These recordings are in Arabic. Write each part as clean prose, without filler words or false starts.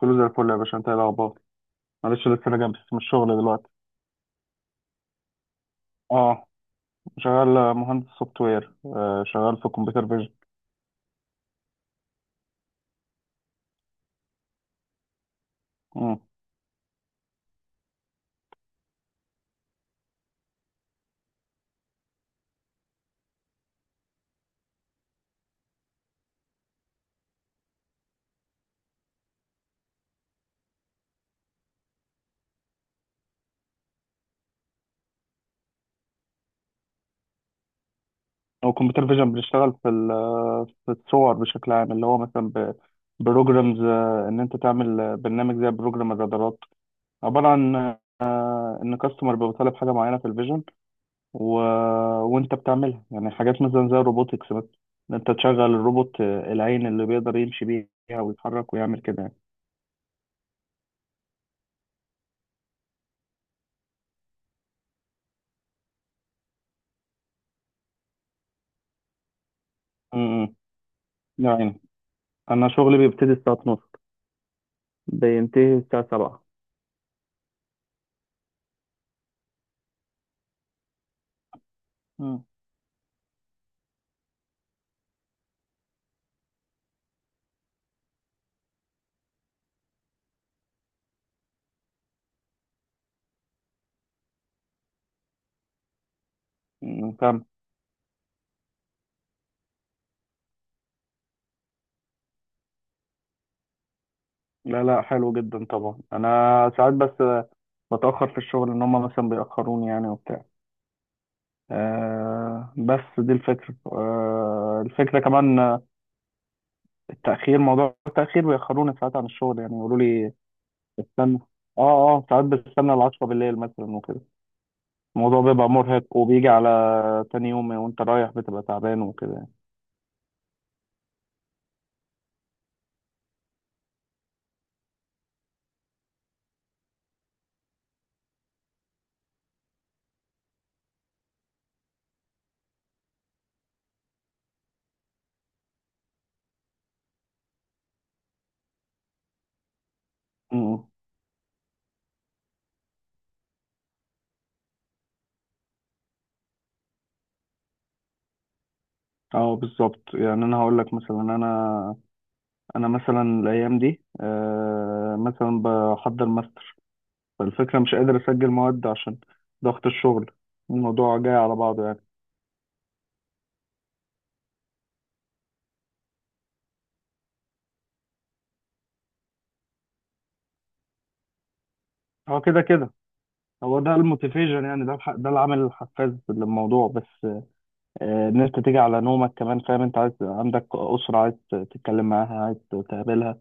كله زي الفل يا باشا، انت ايه الاخبار؟ معلش لسه راجع بس من الشغل دلوقتي. اه، شغال مهندس سوفت وير، شغال في كمبيوتر فيجن. امم هو كمبيوتر فيجن بنشتغل في في الصور بشكل عام، اللي هو مثلا بروجرامز، ان انت تعمل برنامج زي بروجرام الرادارات، عباره عن ان كاستمر بيبقى طالب حاجه معينه في الفيجن. و... وانت بتعملها، يعني حاجات مثلا زي الروبوتكس، مثلا ان انت تشغل الروبوت، العين اللي بيقدر يمشي بيها ويتحرك ويعمل كده يعني. امم يعني انا شغلي بيبتدي الساعه 12، بينتهي الساعه 7. مم. فاهم. لا لا، حلو جدا طبعا. انا ساعات بس بتاخر في الشغل، ان هم مثلا بيأخروني يعني وبتاع. بس دي الفكره، أه الفكره كمان، التأخير، موضوع التأخير بيأخروني ساعات عن الشغل يعني، يقولوا لي استنى. اه اه، ساعات بستنى ال 10 بالليل مثلا وكده. الموضوع بيبقى مرهق، وبيجي على تاني يوم وانت رايح بتبقى تعبان وكده يعني. أمم. اه بالظبط. يعني انا هقول لك مثلا، انا مثلا الايام دي، مثلا بحضر ماستر، فالفكره مش قادر اسجل مواد عشان ضغط الشغل، الموضوع جاي على بعضه يعني. هو كده كده، هو ده الموتيفيشن يعني، ده ده العامل الحفاز للموضوع. بس ان انت تيجي على نومك كمان، فاهم؟ انت عايز عندك اسره، عايز تتكلم معاها، عايز تقابلها،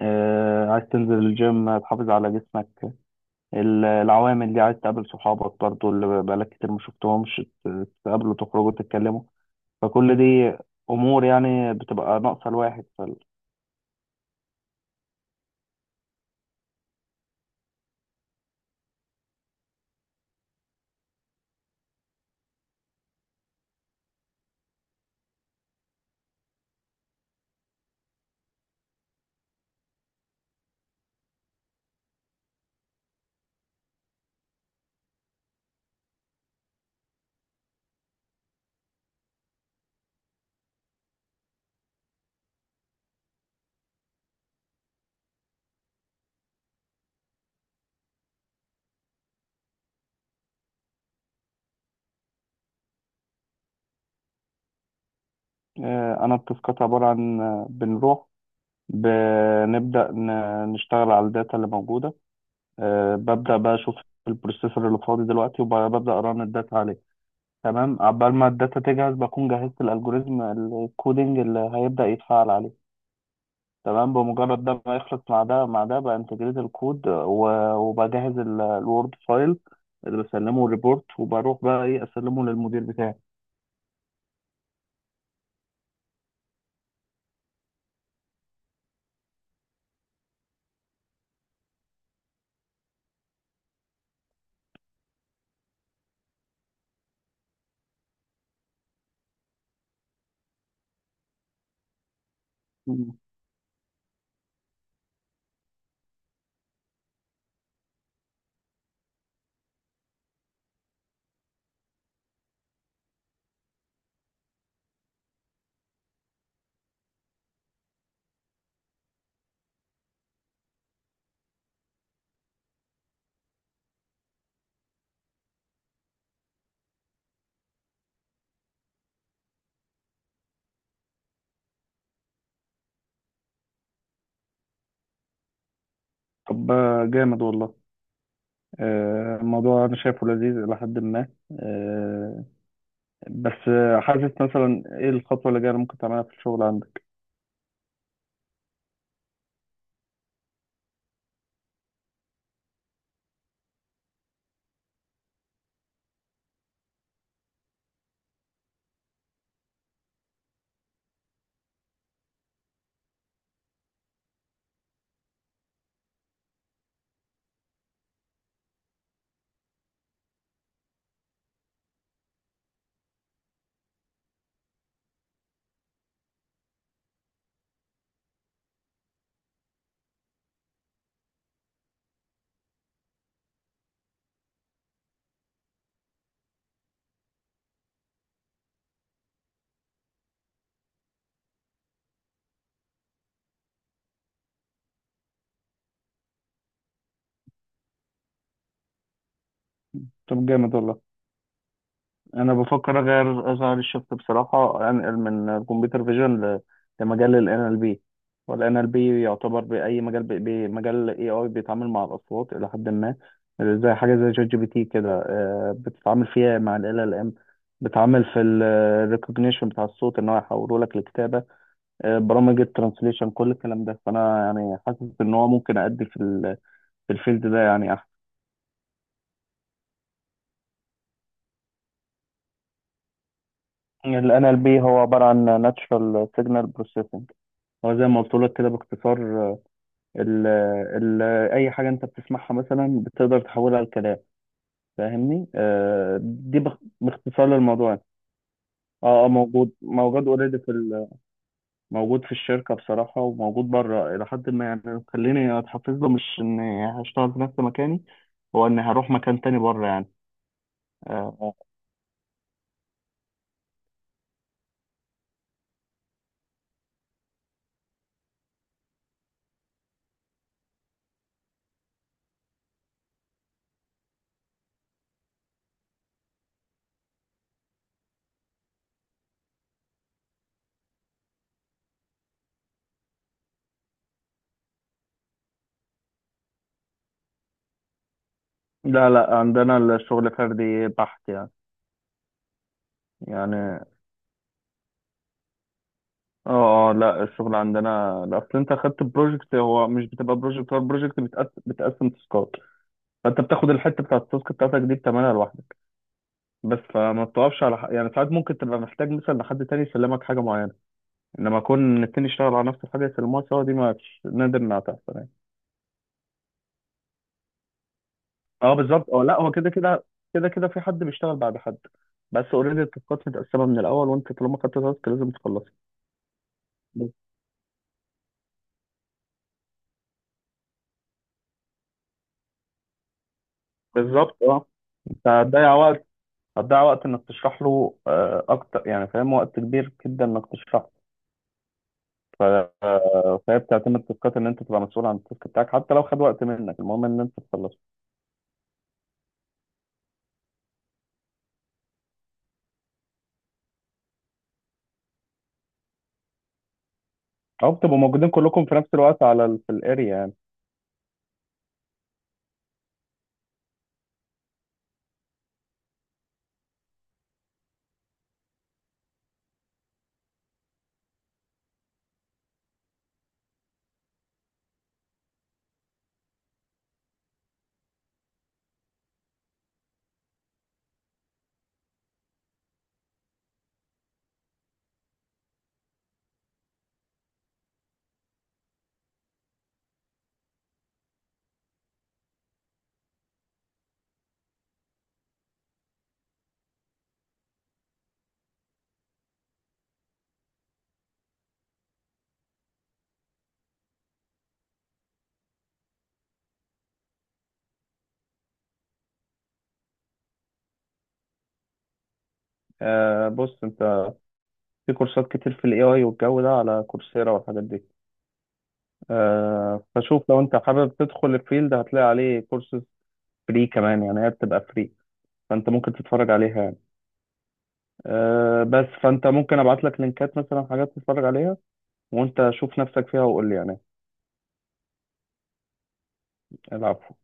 عايز تنزل الجيم تحافظ على جسمك، العوامل دي، عايز تقابل صحابك برضو اللي بقالك كتير ما شفتهمش، تقابلوا، تخرجوا، تتكلموا، فكل دي امور يعني بتبقى ناقصه الواحد انا التاسكات عباره عن، بنروح بنبدا نشتغل على الداتا اللي موجوده، ببدا بقى اشوف البروسيسور اللي فاضي دلوقتي، وببدا اران الداتا عليه. تمام، عقبال ما الداتا تجهز بكون جهزت الالجوريزم الكودينج اللي هيبدا يتفعل عليه. تمام، بمجرد ده ما يخلص مع ده مع ده، بانتجريت الكود، وبجهز الوورد فايل اللي بسلمه الريبورت، وبروح بقى ايه اسلمه للمدير بتاعي. طب جامد والله. الموضوع أنا شايفه لذيذ إلى حد ما. آه، بس حاسس مثلا إيه الخطوة اللي جاية اللي ممكن تعملها في الشغل عندك؟ طب جامد والله. أنا بفكر أغير الشفت بصراحة، أنقل من الكمبيوتر فيجن لمجال ال NLP، وال NLP يعتبر بأي مجال، بمجال ال AI، بيتعامل مع الأصوات إلى حد ما، زي حاجة زي شات جي بي تي كده، بتتعامل فيها مع ال LLM، بتعامل في ال recognition بتاع الصوت إن هو يحوله لك لكتابة، برامج الترانسليشن كل الكلام ده، فانا يعني حاسس ان هو ممكن ادي في في الفيلد ده يعني احسن. ال NLP هو عبارة عن Natural Signal Processing، هو زي ما قلت لك كده باختصار. ال ال اي حاجة انت بتسمعها مثلا بتقدر تحولها لكلام، فاهمني، دي باختصار للموضوع يعني. اه اه، موجود موجود اوريدي في موجود في الشركة بصراحة، وموجود بره إلى حد ما، يعني خليني أتحفز له، مش إني هشتغل في نفس مكاني، هو إني هروح مكان تاني بره يعني. آه، لا لا، عندنا الشغل فردي بحت يعني. يعني اه اه، لا الشغل عندنا، لا، اصل انت خدت بروجكت، هو مش بتبقى بروجكت، هو البروجكت بتقسم، تاسكات. فانت بتاخد الحته بتاعت التاسك بتاعتك دي بتعملها لوحدك بس، فما بتقفش على حق. يعني ساعات ممكن تبقى محتاج مثلا لحد تاني يسلمك حاجه معينه، انما اكون التاني يشتغل على نفس الحاجه يسلموها سوا، دي ما نادر انها تحصل يعني. اه بالظبط، اه لا هو كده كده، كده كده في حد بيشتغل بعد حد، بس اوريدي التاسكات متقسمه من الاول، وانت طالما خدت تاسك لازم تخلصها. بالظبط اه، انت هتضيع وقت، هتضيع وقت انك تشرح له اكتر يعني فاهم، وقت كبير جدا انك تشرح. ف... فهي بتعتمد تاسكات، ان انت تبقى مسؤول عن التاسك بتاعك حتى لو خد وقت منك، المهم ان انت تخلصه. او بتبقوا موجودين كلكم في نفس الوقت على في الاريا يعني. آه، بص انت، في كورسات كتير في الاي اي والجو ده على كورسيرا والحاجات دي. آه، فشوف لو انت حابب تدخل الفيلد هتلاقي عليه كورسز فري كمان يعني، هي بتبقى فري، فانت ممكن تتفرج عليها يعني. أه بس فانت ممكن ابعت لك لينكات مثلا حاجات تتفرج عليها، وانت شوف نفسك فيها وقول لي يعني. العب